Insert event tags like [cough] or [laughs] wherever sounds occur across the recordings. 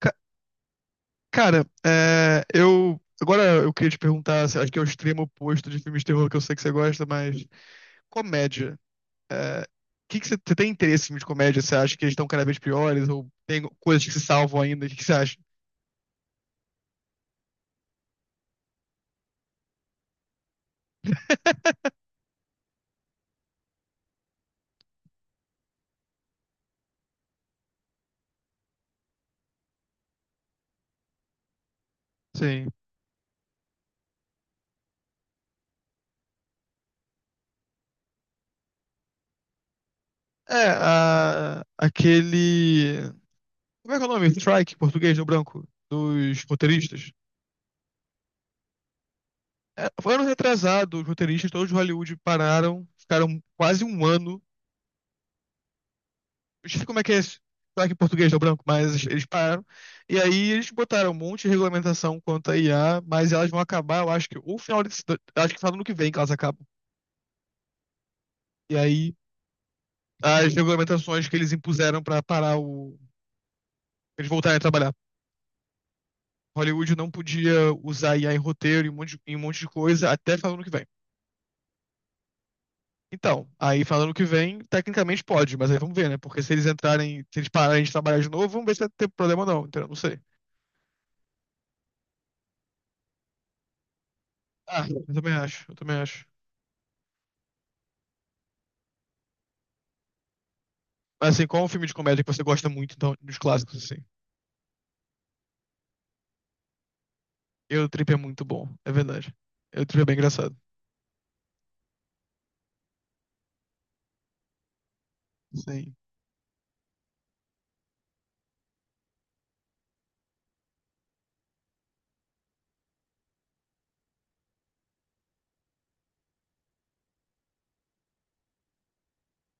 Ca- Cara, eu. Agora eu queria te perguntar, se- acho que é o extremo oposto de filmes de terror que eu sei que você gosta, mas comédia. É, que você tem interesse em filmes de comédia? Você acha que eles estão cada vez piores? Ou tem coisas que se salvam ainda? O que que você acha? Sim. É, a- aquele. Como é que é o nome? Strike, em português, no branco, dos roteiristas. É, foi ano retrasado, os roteiristas, todos de Hollywood pararam, ficaram quase um ano. Eu sei como é que é esse sotaque em português do branco, mas eles pararam. E aí eles botaram um monte de regulamentação quanto à IA, mas elas vão acabar, eu acho que, ou final desse, acho que final do ano que vem que elas acabam. E aí as regulamentações que eles impuseram pra parar o, eles voltarem a trabalhar. Hollywood não podia usar IA em roteiro, em um monte de coisa, até final do ano que vem. Então, aí final do ano que vem, tecnicamente pode, mas aí vamos ver, né? Porque se eles entrarem, se eles pararem de trabalhar de novo, vamos ver se vai ter problema ou não, entendeu? Não sei. Ah, eu também acho. Mas assim, qual é um filme de comédia que você gosta muito, então, dos clássicos, assim? Eu Trip é muito bom, é verdade. Eu Trip é bem engraçado. Sim,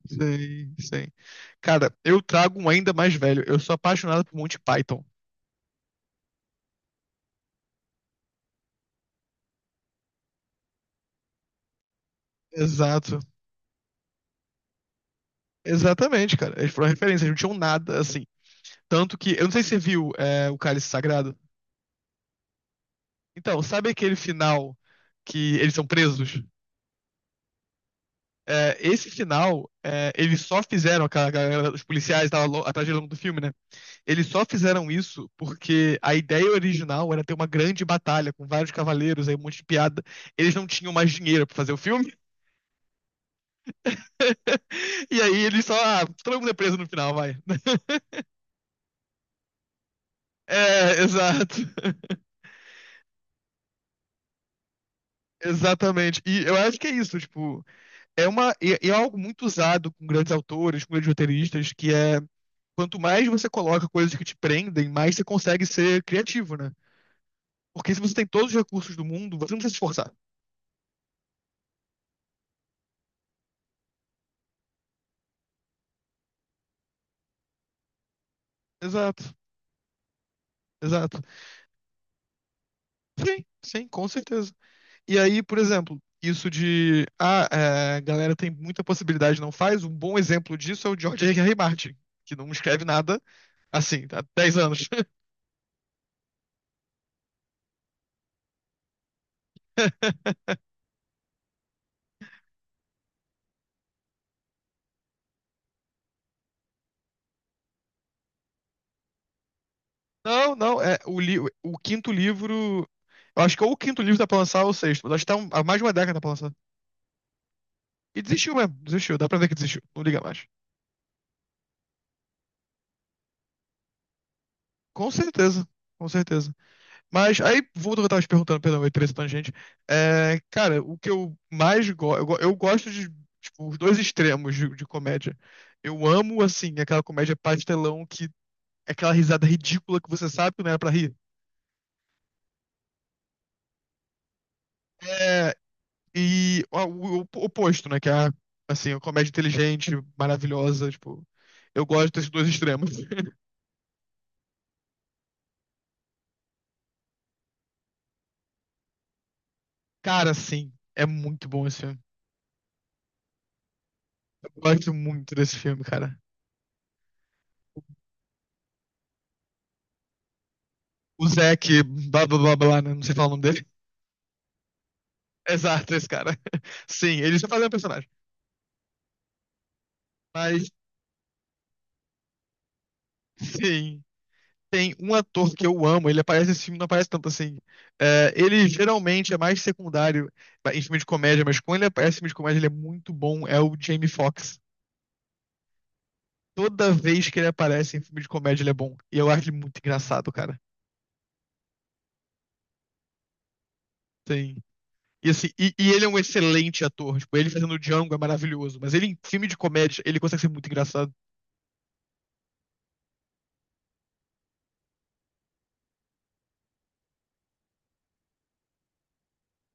sim. Cara, eu trago um ainda mais velho. Eu sou apaixonado por Monty Python. Exato. Exatamente, cara. Eles foram referência, eles não tinham nada, assim. Tanto que, eu não sei se você viu o Cálice Sagrado. Então, sabe aquele final que eles são presos? É, esse final, é, eles só fizeram, aquela galera, os policiais estavam atrás de longo do filme, né? Eles só fizeram isso porque a ideia original era ter uma grande batalha com vários cavaleiros, aí um monte de piada. Eles não tinham mais dinheiro pra fazer o filme. [laughs] E aí eles só. Ah, todo mundo é preso no final, vai. [laughs] É, exato. [laughs] Exatamente. E eu acho que é isso, tipo. É algo muito usado com grandes autores, com grandes roteiristas, que é. Quanto mais você coloca coisas que te prendem, mais você consegue ser criativo, né? Porque se você tem todos os recursos do mundo, você não precisa se esforçar. Exato, exato. Sim, com certeza. E aí, por exemplo, isso de a galera tem muita possibilidade, não faz. Um bom exemplo disso é o George R.R. Martin, que não escreve nada assim, há 10 anos. [laughs] Não, não, é o quinto livro. Eu acho que ou o quinto livro tá pra lançar ou o sexto, mas acho que tá um- há mais de uma década pra lançar. E desistiu mesmo, desistiu, dá pra ver que desistiu, não liga mais. Com certeza, com certeza. Mas aí, voltando ao que eu tava te perguntando, perdão, eu entrei nessa tangente. É, cara, o que eu mais gosto. Eu, eu gosto de tipo, os dois extremos de comédia. Eu amo, assim, aquela comédia pastelão que. É Aquela risada ridícula que você sabe que não era pra rir. É, e ó, o oposto, né? Que é a, assim, a comédia inteligente, maravilhosa, tipo. Eu gosto desses dois extremos. [laughs] Cara, sim, é muito bom esse filme. Eu gosto muito desse filme, cara. O Zac, blá blá blá blá, né? Não sei falar o nome dele. Exato, esse cara. [laughs] Sim, ele só fazia um personagem. Mas, sim, tem um ator que eu amo, ele aparece nesse filme, não aparece tanto assim. É, ele geralmente é mais secundário em filme de comédia, mas quando ele aparece em filme de comédia, ele é muito bom, é o Jamie Foxx. Toda vez que ele aparece em filme de comédia, ele é bom. E eu acho ele muito engraçado, cara. Sim. E, e ele é um excelente ator. Tipo, ele fazendo o Django é maravilhoso. Mas ele em filme de comédia, ele consegue ser muito engraçado.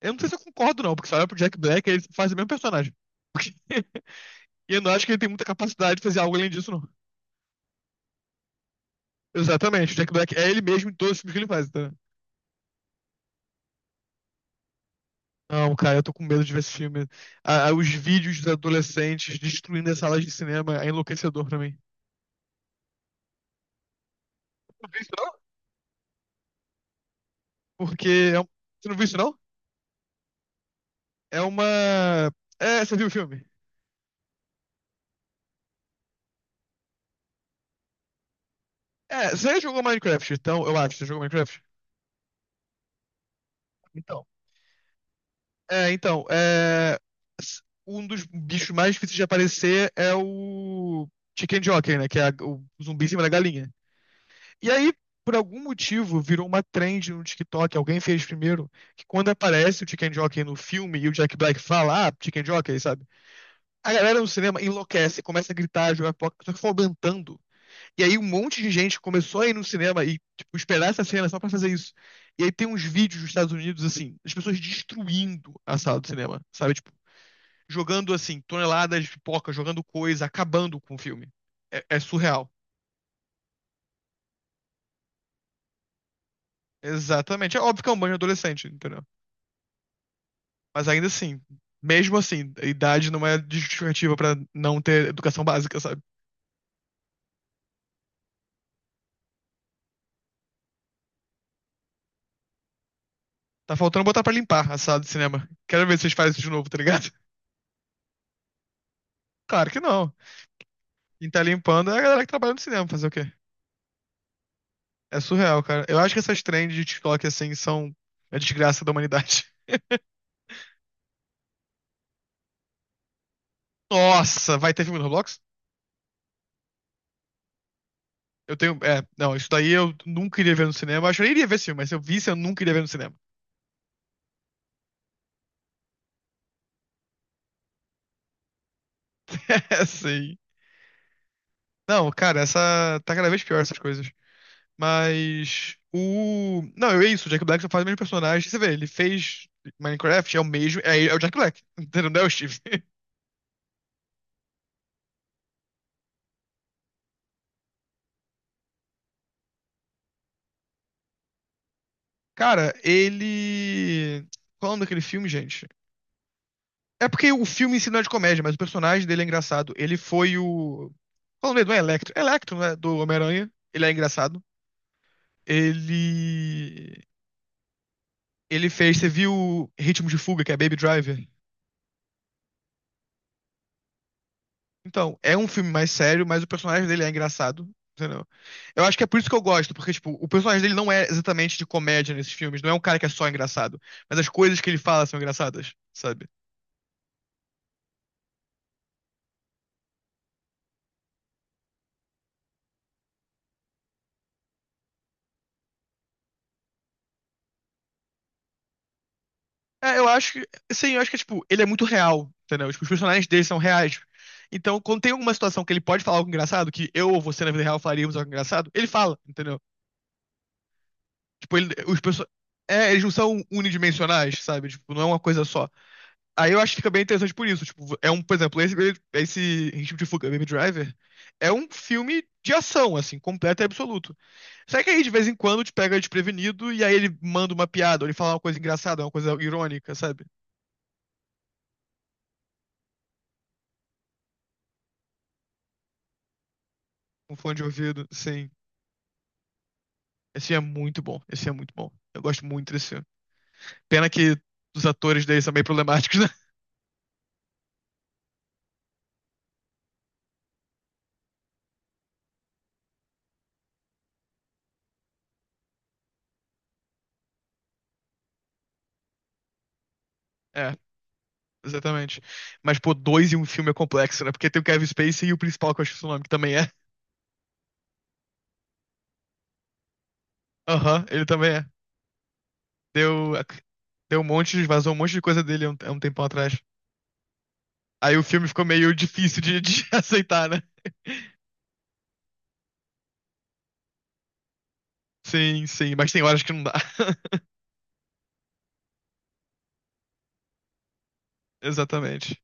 Eu não sei se eu concordo, não, porque se olhar pro Jack Black, ele faz o mesmo personagem. [laughs] E eu não acho que ele tem muita capacidade de fazer algo além disso, não. Exatamente. O Jack Black é ele mesmo em todos os filmes que ele faz, tá? Não, cara, eu tô com medo de ver esse filme. Os vídeos dos adolescentes destruindo as salas de cinema é enlouquecedor pra mim. Não vi isso, não? Porque é um... Você não viu isso, não? É uma... É, você viu o filme? É, você já jogou Minecraft, então, eu acho. Você jogou Minecraft? Então. É, então, é... s- um dos bichos mais difíceis de aparecer é o Chicken Jockey, né? Que é a- o zumbi em cima da galinha. E aí, por algum motivo, virou uma trend no TikTok, alguém fez primeiro, que quando aparece o Chicken Jockey no filme e o Jack Black fala, ah, Chicken Jockey, sabe? A galera no cinema enlouquece, começa a gritar, jogar pipoca, só que foi aumentando. E aí um monte de gente começou a ir no cinema e, tipo, esperar essa cena só pra fazer isso. E aí tem uns vídeos dos Estados Unidos, assim, as pessoas destruindo a sala do cinema, sabe? Tipo, jogando, assim, toneladas de pipoca, jogando coisa, acabando com o filme. É, é surreal. Exatamente. É óbvio que é um banho adolescente, entendeu? Mas ainda assim, mesmo assim, a idade não é justificativa pra não ter educação básica, sabe? Tá faltando botar pra limpar a sala de cinema. Quero ver se vocês fazem isso de novo, tá ligado? [laughs] Claro que não. Quem tá limpando é a galera que trabalha no cinema, fazer o quê? É surreal, cara. Eu acho que essas trends de TikTok assim são a desgraça da humanidade. [laughs] Nossa, vai ter filme no Roblox? Eu tenho. É, não, isso daí eu nunca iria ver no cinema. Eu acho que eu nem iria ver esse filme, mas se eu visse, eu nunca iria ver no cinema. [laughs] É, sim. Não, cara, essa. Tá cada vez pior essas coisas. Mas o. Não, é isso, o Jack Black só faz o mesmo personagem. Você vê, ele fez Minecraft, é o mesmo. É, é o Jack Black, [laughs] entendeu? Não é o Steve. Cara, ele. Qual é o nome daquele filme, gente? É porque o filme em si não é de comédia, mas o personagem dele é engraçado. Ele foi o. Qual é o nome dele? Não é Electro. É Electro, né? Do Homem-Aranha. Ele é engraçado. Ele. Ele fez. Você viu Ritmo de Fuga, que é Baby Driver? Então, é um filme mais sério, mas o personagem dele é engraçado. Entendeu? Eu acho que é por isso que eu gosto, porque, tipo, o personagem dele não é exatamente de comédia nesses filmes, não é um cara que é só engraçado, mas as coisas que ele fala são engraçadas, sabe? Eu acho que, sim, eu acho que, tipo, ele é muito real, entendeu? Tipo, os personagens dele são reais. Então, quando tem alguma situação que ele pode falar algo engraçado, que eu ou você na vida real falaríamos algo engraçado, ele fala, entendeu? Tipo, os perso- é, eles não são unidimensionais, sabe? Tipo, não é uma coisa só. Aí eu acho que fica bem interessante por isso. Tipo, por exemplo, esse Ritmo de Fuga, Baby Driver, é um filme de ação, assim, completo e absoluto. Só que aí, de vez em quando, te pega desprevenido e aí ele manda uma piada, ou ele fala uma coisa engraçada, uma coisa irônica, sabe? Um fone de ouvido, sim. Esse é muito bom. Eu gosto muito desse filme. Pena que os atores dele são meio problemáticos, né? [laughs] É, exatamente. Mas, pô, dois em um filme é complexo, né? Porque tem o Kevin Spacey e o principal, que eu acho que é o nome, que também é. Aham, ele também é. Deu, deu um monte, de- vazou um monte de coisa dele há um tempão atrás. Aí o filme ficou meio difícil de [laughs] aceitar, né? Sim, mas tem horas que não dá. [laughs] Exatamente.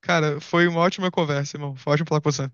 Cara, foi uma ótima conversa, irmão. Foi ótimo falar com você.